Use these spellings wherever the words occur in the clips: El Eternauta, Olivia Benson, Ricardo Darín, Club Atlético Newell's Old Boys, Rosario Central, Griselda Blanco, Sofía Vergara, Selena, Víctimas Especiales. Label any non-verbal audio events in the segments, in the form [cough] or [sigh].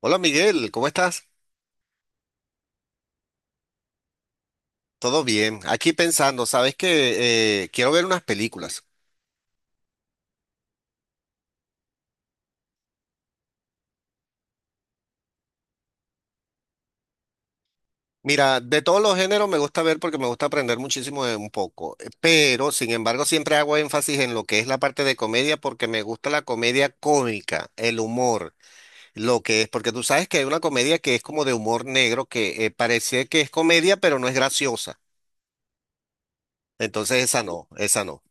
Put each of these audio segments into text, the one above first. Hola Miguel, ¿cómo estás? Todo bien. Aquí pensando, sabes que quiero ver unas películas. Mira, de todos los géneros me gusta ver porque me gusta aprender muchísimo de un poco, pero sin embargo siempre hago énfasis en lo que es la parte de comedia porque me gusta la comedia cómica, el humor, lo que es, porque tú sabes que hay una comedia que es como de humor negro que parece que es comedia pero no es graciosa. Entonces esa no, esa no.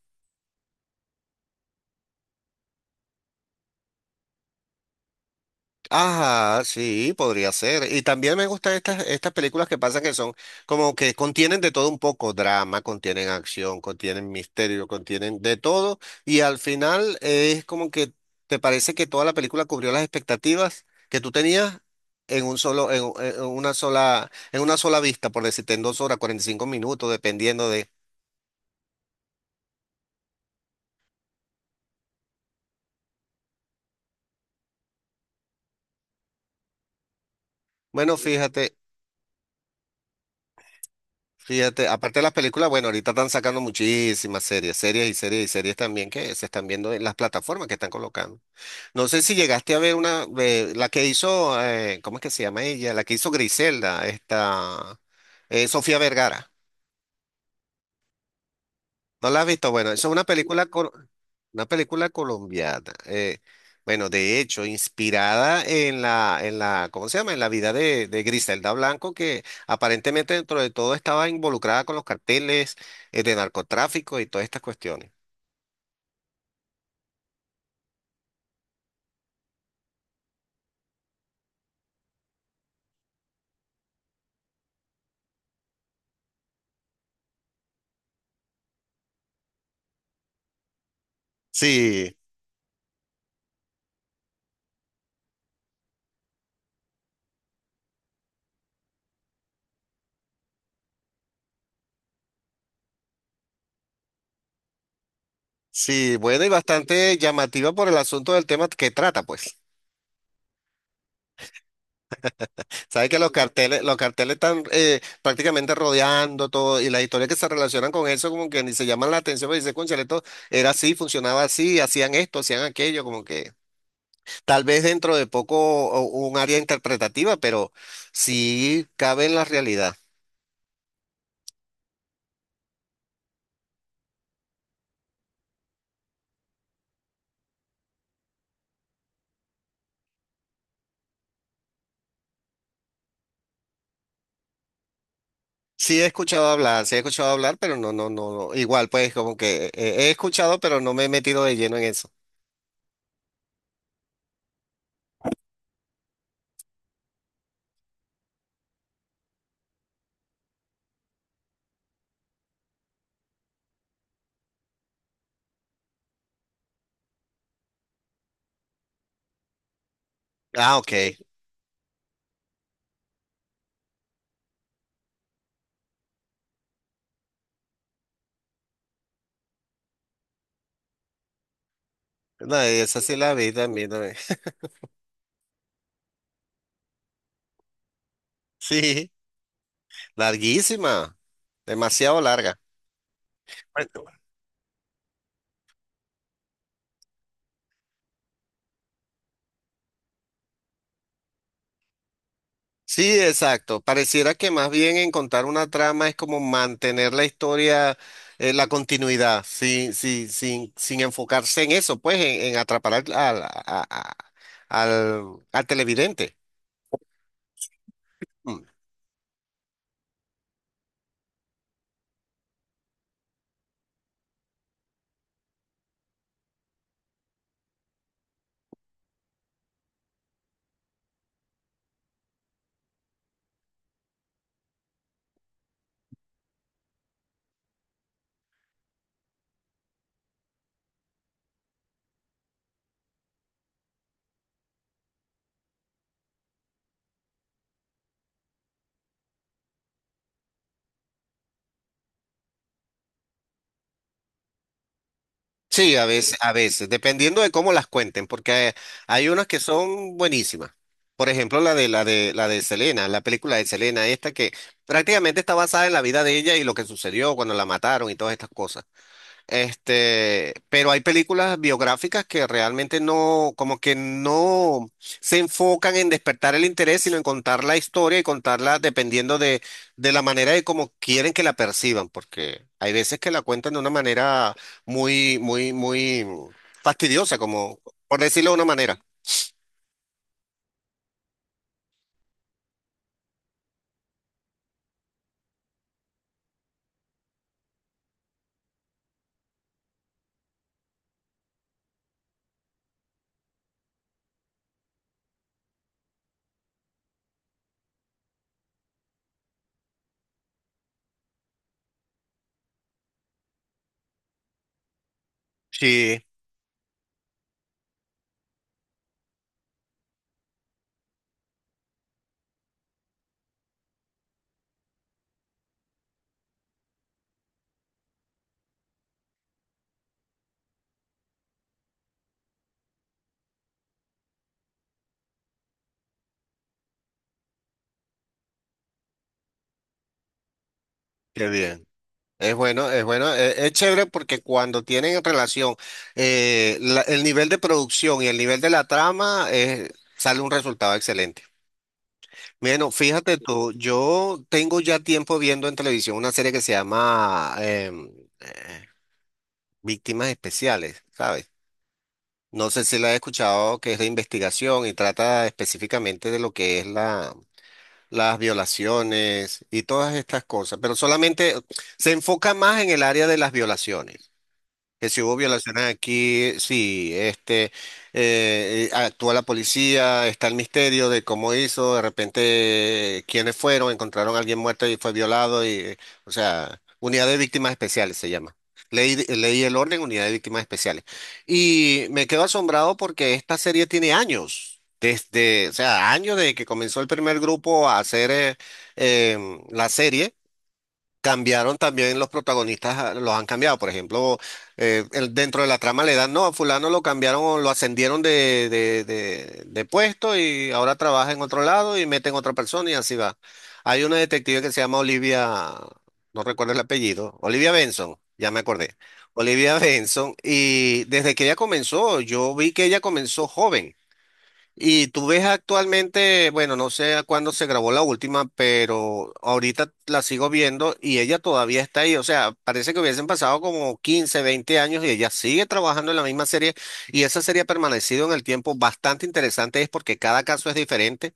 Ajá, sí, podría ser. Y también me gustan estas películas que pasan que son como que contienen de todo un poco, drama, contienen acción, contienen misterio, contienen de todo. Y al final es como que te parece que toda la película cubrió las expectativas que tú tenías en un solo, en una sola vista, por decirte, en dos horas, 45 minutos, dependiendo de. Bueno, fíjate. Fíjate, aparte de las películas, bueno, ahorita están sacando muchísimas series, series y series y series también que se están viendo en las plataformas que están colocando. No sé si llegaste a ver una, la que hizo, ¿cómo es que se llama ella? La que hizo Griselda, esta, Sofía Vergara. No la has visto. Bueno, eso es una película, una película colombiana. Bueno, de hecho, inspirada en la, ¿cómo se llama? En la vida de Griselda Blanco, que aparentemente dentro de todo estaba involucrada con los carteles, de narcotráfico y todas estas cuestiones. Sí, sí, bueno, y bastante llamativa por el asunto del tema que trata, pues. Sabes que los carteles están prácticamente rodeando todo y las historias que se relacionan con eso como que ni se llaman la atención, pero dice, cónchale, esto era así, funcionaba así, hacían esto, hacían aquello, como que tal vez dentro de poco o- un área interpretativa, pero sí cabe en la realidad. Sí he escuchado hablar, sí he escuchado hablar, pero no, no, no, no, igual pues como que he escuchado, pero no me he metido de lleno en eso. Ah, ok. No, esa sí la vi también. También. [laughs] Sí, larguísima, demasiado larga. Sí, exacto. Pareciera que más bien en contar una trama es como mantener la historia, la continuidad, sin, sí, sin, sin enfocarse en eso, pues en atrapar a- al- al televidente. Mm. Sí, a veces, dependiendo de cómo las cuenten, porque hay unas que son buenísimas. Por ejemplo, la de Selena, la película de Selena, esta que prácticamente está basada en la vida de ella y lo que sucedió cuando la mataron y todas estas cosas. Este, pero hay películas biográficas que realmente no, como que no se enfocan en despertar el interés, sino en contar la historia y contarla dependiendo de la manera de cómo quieren que la perciban, porque hay veces que la cuentan de una manera muy, muy, muy fastidiosa, como por decirlo de una manera. Sí, qué bien. Es bueno, es bueno, es, chévere porque cuando tienen en relación el nivel de producción y el nivel de la trama, sale un resultado excelente. Bueno, fíjate tú, yo tengo ya tiempo viendo en televisión una serie que se llama eh, Víctimas Especiales, ¿sabes? No sé si la he escuchado, que es de investigación y trata específicamente de lo que es la, las violaciones y todas estas cosas, pero solamente se enfoca más en el área de las violaciones. Que si hubo violaciones aquí, sí, este, actúa la policía, está el misterio de cómo hizo, de repente quiénes fueron, encontraron a alguien muerto y fue violado, y, o sea, unidad de víctimas especiales se llama. Ley, ley y el orden, unidad de víctimas especiales. Y me quedo asombrado porque esta serie tiene años, desde, o sea, años desde que comenzó el primer grupo a hacer la serie cambiaron también los protagonistas, ah, los han cambiado. Por ejemplo, dentro de la trama le dan, no, a fulano lo cambiaron o lo ascendieron de, de puesto y ahora trabaja en otro lado y meten otra persona y así va. Hay una detective que se llama Olivia, no recuerdo el apellido, Olivia Benson, ya me acordé. Olivia [laughs] Benson, y desde que ella comenzó, yo vi que ella comenzó joven. Y tú ves actualmente, bueno, no sé a cuándo se grabó la última, pero ahorita la sigo viendo y ella todavía está ahí. O sea, parece que hubiesen pasado como 15, 20 años y ella sigue trabajando en la misma serie y esa serie ha permanecido en el tiempo. Bastante interesante es porque cada caso es diferente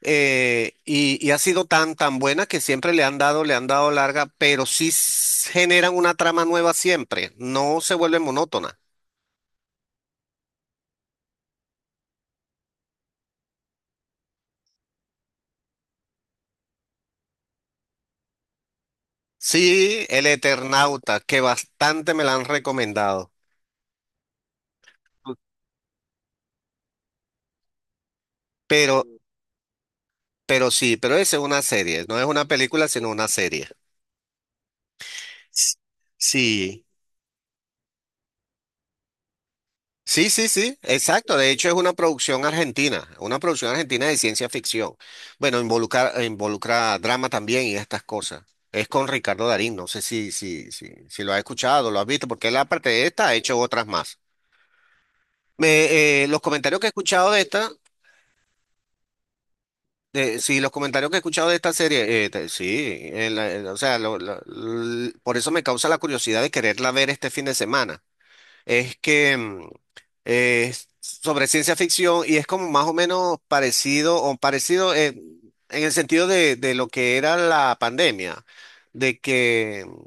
y ha sido tan, tan buena que siempre le han dado larga, pero sí generan una trama nueva siempre, no se vuelve monótona. Sí, El Eternauta, que bastante me la han recomendado. Pero, pero sí, pero es una serie, no es una película, sino una serie. S- Sí, Sí, sí, sí, exacto. De hecho, es una producción argentina de ciencia ficción. Bueno, involucra, involucra drama también y estas cosas. Es con Ricardo Darín, no sé si lo has escuchado, lo has visto, porque él aparte de esta ha hecho otras más. Los comentarios que he escuchado de esta. Sí, los comentarios que he escuchado de esta serie, sí, o sea, por eso me causa la curiosidad de quererla ver este fin de semana es que mm, es sobre ciencia ficción y es como más o menos parecido o parecido en el sentido de lo que era la pandemia, de que mm,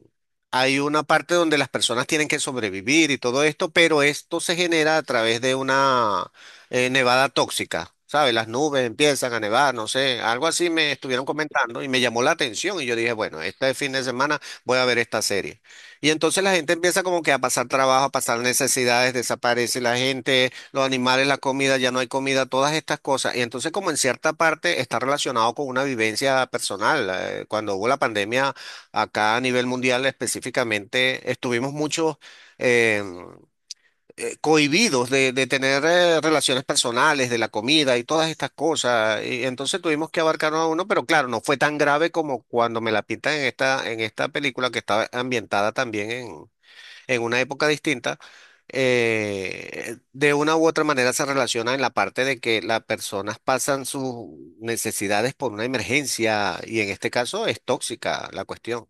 hay una parte donde las personas tienen que sobrevivir y todo esto, pero esto se genera a través de una nevada tóxica. ¿Sabes? Las nubes empiezan a nevar, no sé, algo así me estuvieron comentando y me llamó la atención y yo dije, bueno, este fin de semana voy a ver esta serie. Y entonces la gente empieza como que a pasar trabajo, a pasar necesidades, desaparece la gente, los animales, la comida, ya no hay comida, todas estas cosas. Y entonces como en cierta parte está relacionado con una vivencia personal. Cuando hubo la pandemia acá a nivel mundial específicamente, estuvimos muchos eh, cohibidos de tener relaciones personales, de la comida y todas estas cosas. Y entonces tuvimos que abarcarnos a uno, pero claro, no fue tan grave como cuando me la pintan en esta película que estaba ambientada también en una época distinta, de una u otra manera se relaciona en la parte de que las personas pasan sus necesidades por una emergencia y en este caso es tóxica la cuestión.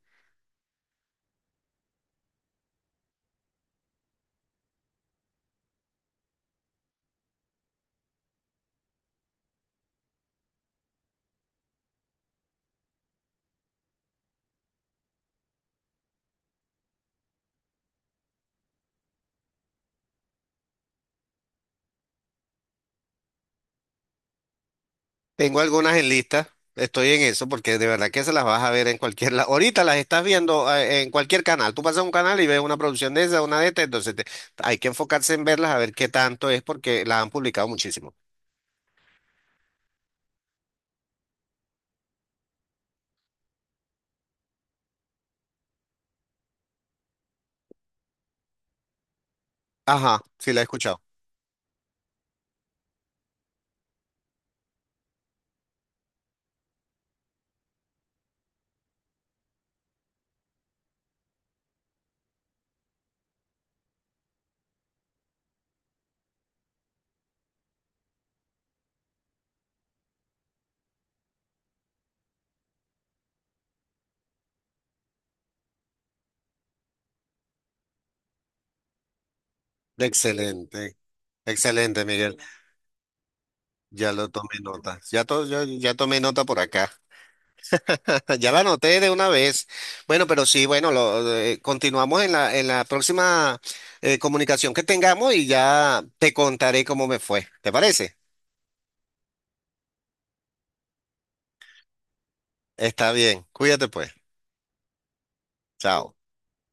Tengo algunas en lista, estoy en eso porque de verdad que se las vas a ver en cualquier lado. Ahorita las estás viendo en cualquier canal. Tú pasas a un canal y ves una producción de esa, una de esta, entonces hay que enfocarse en verlas a ver qué tanto es porque las han publicado muchísimo. Ajá, sí, la he escuchado. Excelente, excelente, Miguel. Ya lo tomé nota. Ya, ya, ya tomé nota por acá. [laughs] Ya la anoté de una vez. Bueno, pero sí, bueno, lo, continuamos en la próxima comunicación que tengamos y ya te contaré cómo me fue. ¿Te parece? Está bien. Cuídate pues. Chao.